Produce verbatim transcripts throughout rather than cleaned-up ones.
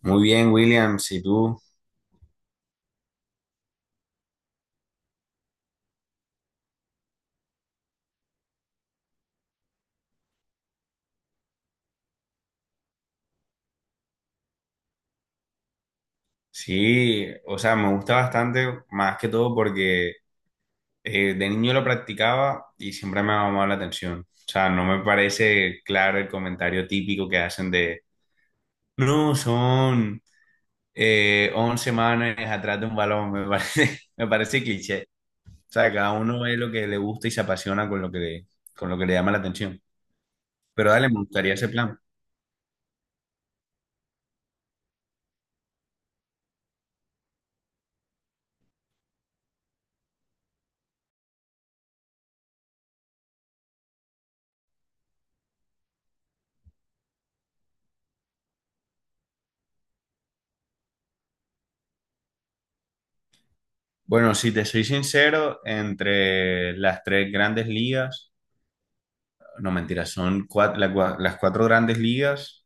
Muy bien, William, si tú, sí, o sea, me gusta bastante, más que todo porque eh, de niño lo practicaba y siempre me ha llamado la atención. O sea, no me parece claro el comentario típico que hacen de, no, son eh, once manes atrás de un balón, me parece, me parece cliché. O sea, cada uno ve lo que le gusta y se apasiona con lo que le, con lo que le llama la atención. Pero dale, me gustaría ese plan. Bueno, si te soy sincero, entre las tres grandes ligas, no mentira, son cuat- la cua- las cuatro grandes ligas.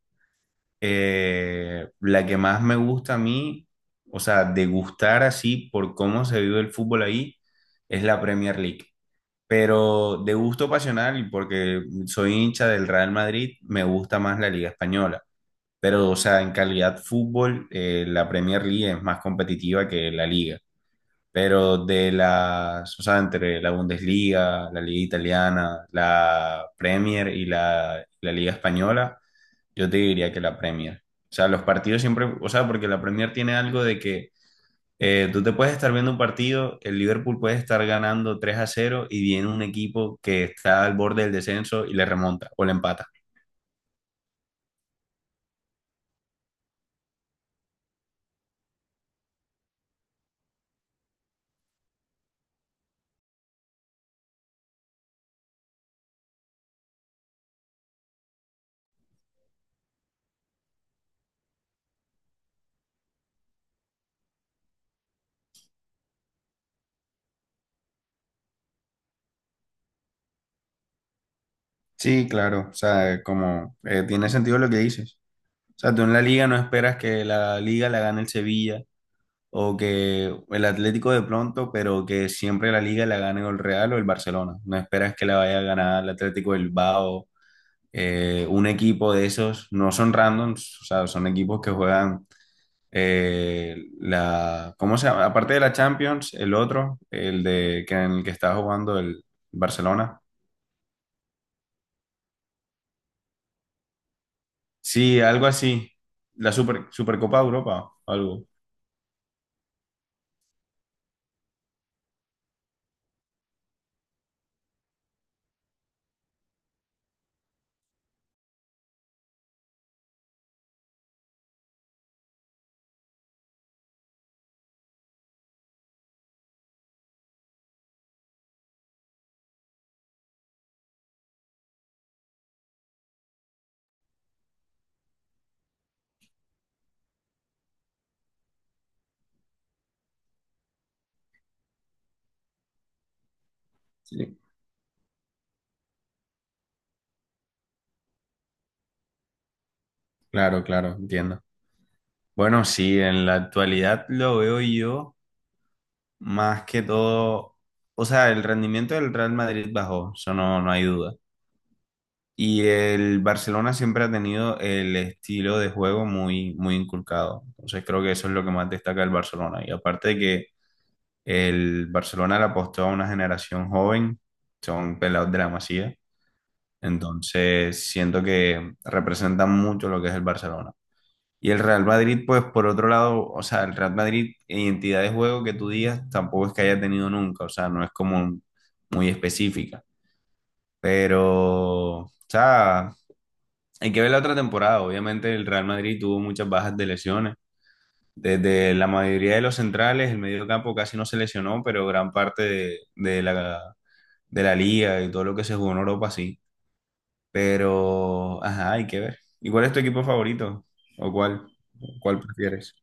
Eh, la que más me gusta a mí, o sea, de gustar así por cómo se vive el fútbol ahí, es la Premier League. Pero de gusto pasional, y porque soy hincha del Real Madrid, me gusta más la Liga Española. Pero, o sea, en calidad fútbol, eh, la Premier League es más competitiva que la Liga. Pero de las, o sea, entre la Bundesliga, la Liga Italiana, la Premier y la, la Liga Española, yo te diría que la Premier. O sea, los partidos siempre, o sea, porque la Premier tiene algo de que eh, tú te puedes estar viendo un partido, el Liverpool puede estar ganando tres a cero y viene un equipo que está al borde del descenso y le remonta o le empata. Sí, claro, o sea, como eh, tiene sentido lo que dices. O sea, tú en la liga no esperas que la liga la gane el Sevilla o que el Atlético de pronto, pero que siempre la liga la gane o el Real o el Barcelona. No esperas que la vaya a ganar el Atlético del Bilbao. Eh, un equipo de esos no son randoms, o sea, son equipos que juegan eh, la, ¿cómo se llama? Aparte de la Champions, el otro, el de que en el que está jugando el Barcelona. Sí, algo así. La Super, Supercopa de Europa, algo. Sí. Claro, claro, entiendo. Bueno, sí, en la actualidad lo veo yo. Más que todo, o sea, el rendimiento del Real Madrid bajó, eso no, no hay duda. Y el Barcelona siempre ha tenido el estilo de juego muy, muy inculcado. Entonces creo que eso es lo que más destaca el Barcelona. Y aparte de que el Barcelona le apostó a una generación joven, son pelados de la Masía. Entonces siento que representan mucho lo que es el Barcelona. Y el Real Madrid, pues por otro lado, o sea, el Real Madrid, en identidad de juego que tú digas, tampoco es que haya tenido nunca, o sea, no es como muy específica. Pero, o sea, hay que ver la otra temporada. Obviamente el Real Madrid tuvo muchas bajas de lesiones. Desde la mayoría de los centrales, el medio campo casi no se lesionó, pero gran parte de, de la, de la liga y todo lo que se jugó en Europa sí. Pero, ajá, hay que ver. ¿Y cuál es tu equipo favorito? ¿O cuál, cuál prefieres?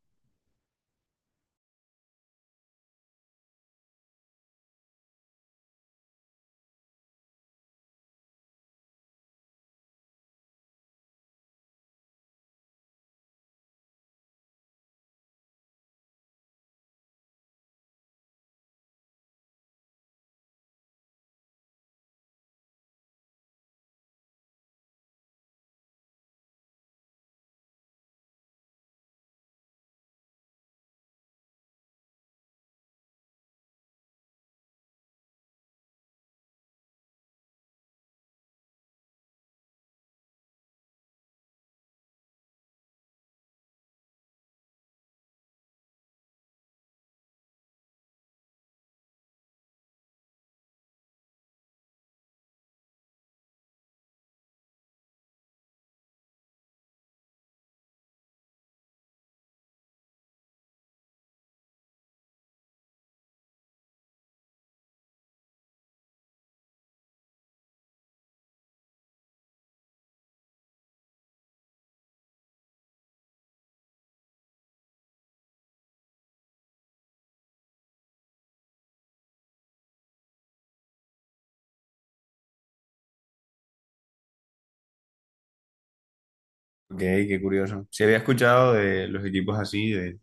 Ok, qué curioso. Sí había escuchado de los equipos así, de,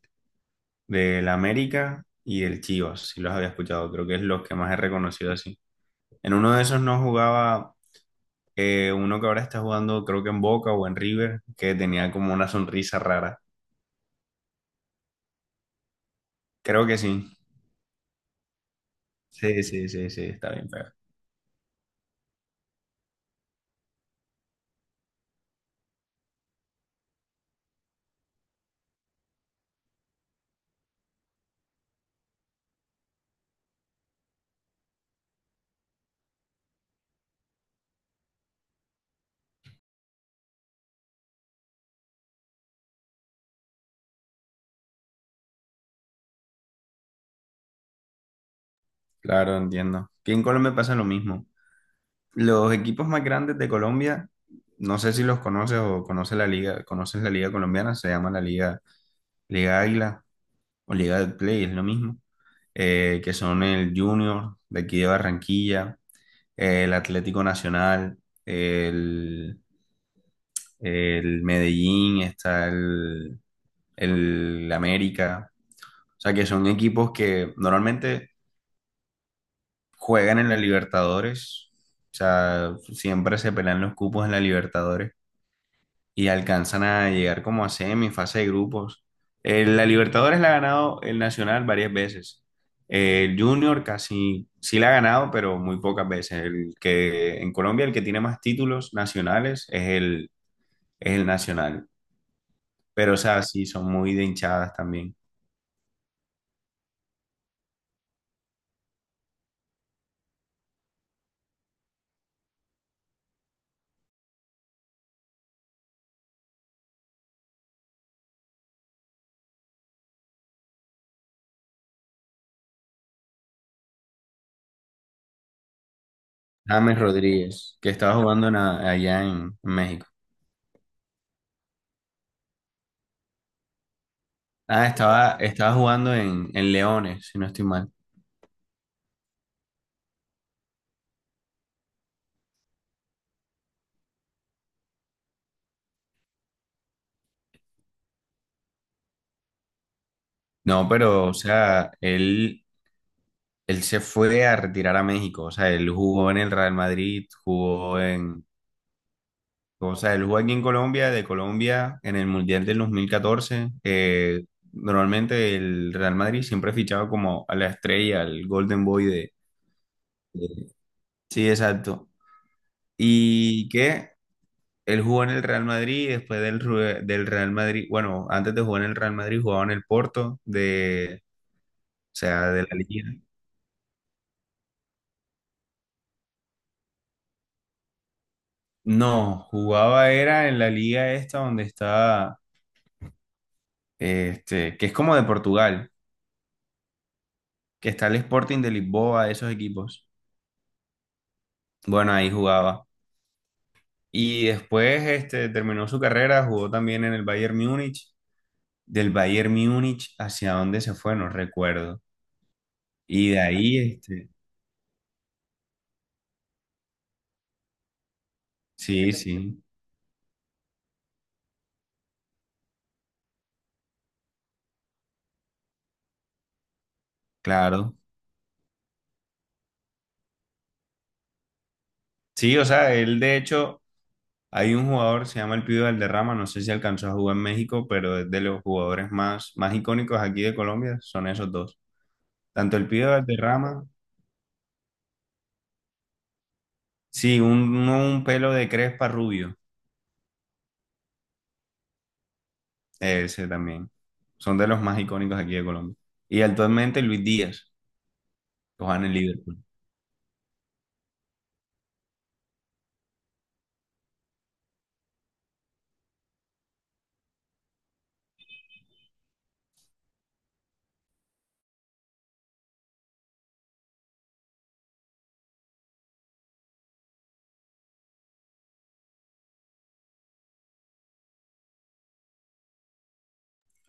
del América y del Chivas, sí los había escuchado, creo que es los que más he reconocido así. En uno de esos no jugaba eh, uno que ahora está jugando, creo que en Boca o en River, que tenía como una sonrisa rara. Creo que sí. Sí, sí, sí, sí, está bien, pero claro, entiendo. Aquí en Colombia pasa lo mismo. Los equipos más grandes de Colombia, no sé si los conoces o conoces la liga, conoces la liga colombiana, se llama la liga, Liga Águila. O Liga de Play, es lo mismo, eh, que son el Junior de aquí de Barranquilla, eh, el Atlético Nacional, el, el Medellín, está el, el América, o sea que son equipos que normalmente juegan en la Libertadores, o sea, siempre se pelean los cupos en la Libertadores y alcanzan a llegar como a semi, fase de grupos. Eh, la Libertadores la ha ganado el Nacional varias veces. Eh, el Junior casi sí la ha ganado, pero muy pocas veces. El que en Colombia el que tiene más títulos nacionales es el, es el Nacional. Pero o sea, sí son muy de hinchadas también. James Rodríguez, que estaba jugando en a- allá en México. Ah, estaba, estaba jugando en, en Leones, si no estoy mal. No, pero, o sea, él él se fue a retirar a México, o sea, él jugó en el Real Madrid, jugó en, o sea, él jugó aquí en Colombia, de Colombia, en el Mundial del dos mil catorce. Eh, normalmente el Real Madrid siempre fichaba como a la estrella, al Golden Boy de... de- Sí, exacto. Y que él jugó en el Real Madrid, después del, Ru- del Real Madrid, bueno, antes de jugar en el Real Madrid jugaba en el Porto, de, o sea, de la liga. No, jugaba era en la liga esta donde está este, que es como de Portugal, que está el Sporting de Lisboa, esos equipos. Bueno, ahí jugaba. Y después este, terminó su carrera, jugó también en el Bayern Múnich. Del Bayern Múnich, ¿hacia dónde se fue? No recuerdo. Y de ahí, este, sí, sí, claro. Sí, o sea, él de hecho, hay un jugador, se llama el Pibe Valderrama, no sé si alcanzó a jugar en México, pero es de los jugadores más, más icónicos aquí de Colombia, son esos dos. Tanto el Pibe Valderrama sí, un, un pelo de crespa rubio, ese también. Son de los más icónicos aquí de Colombia. Y actualmente Luis Díaz, que juega en el Liverpool.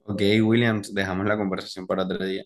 Ok, Williams, dejamos la conversación para otro día.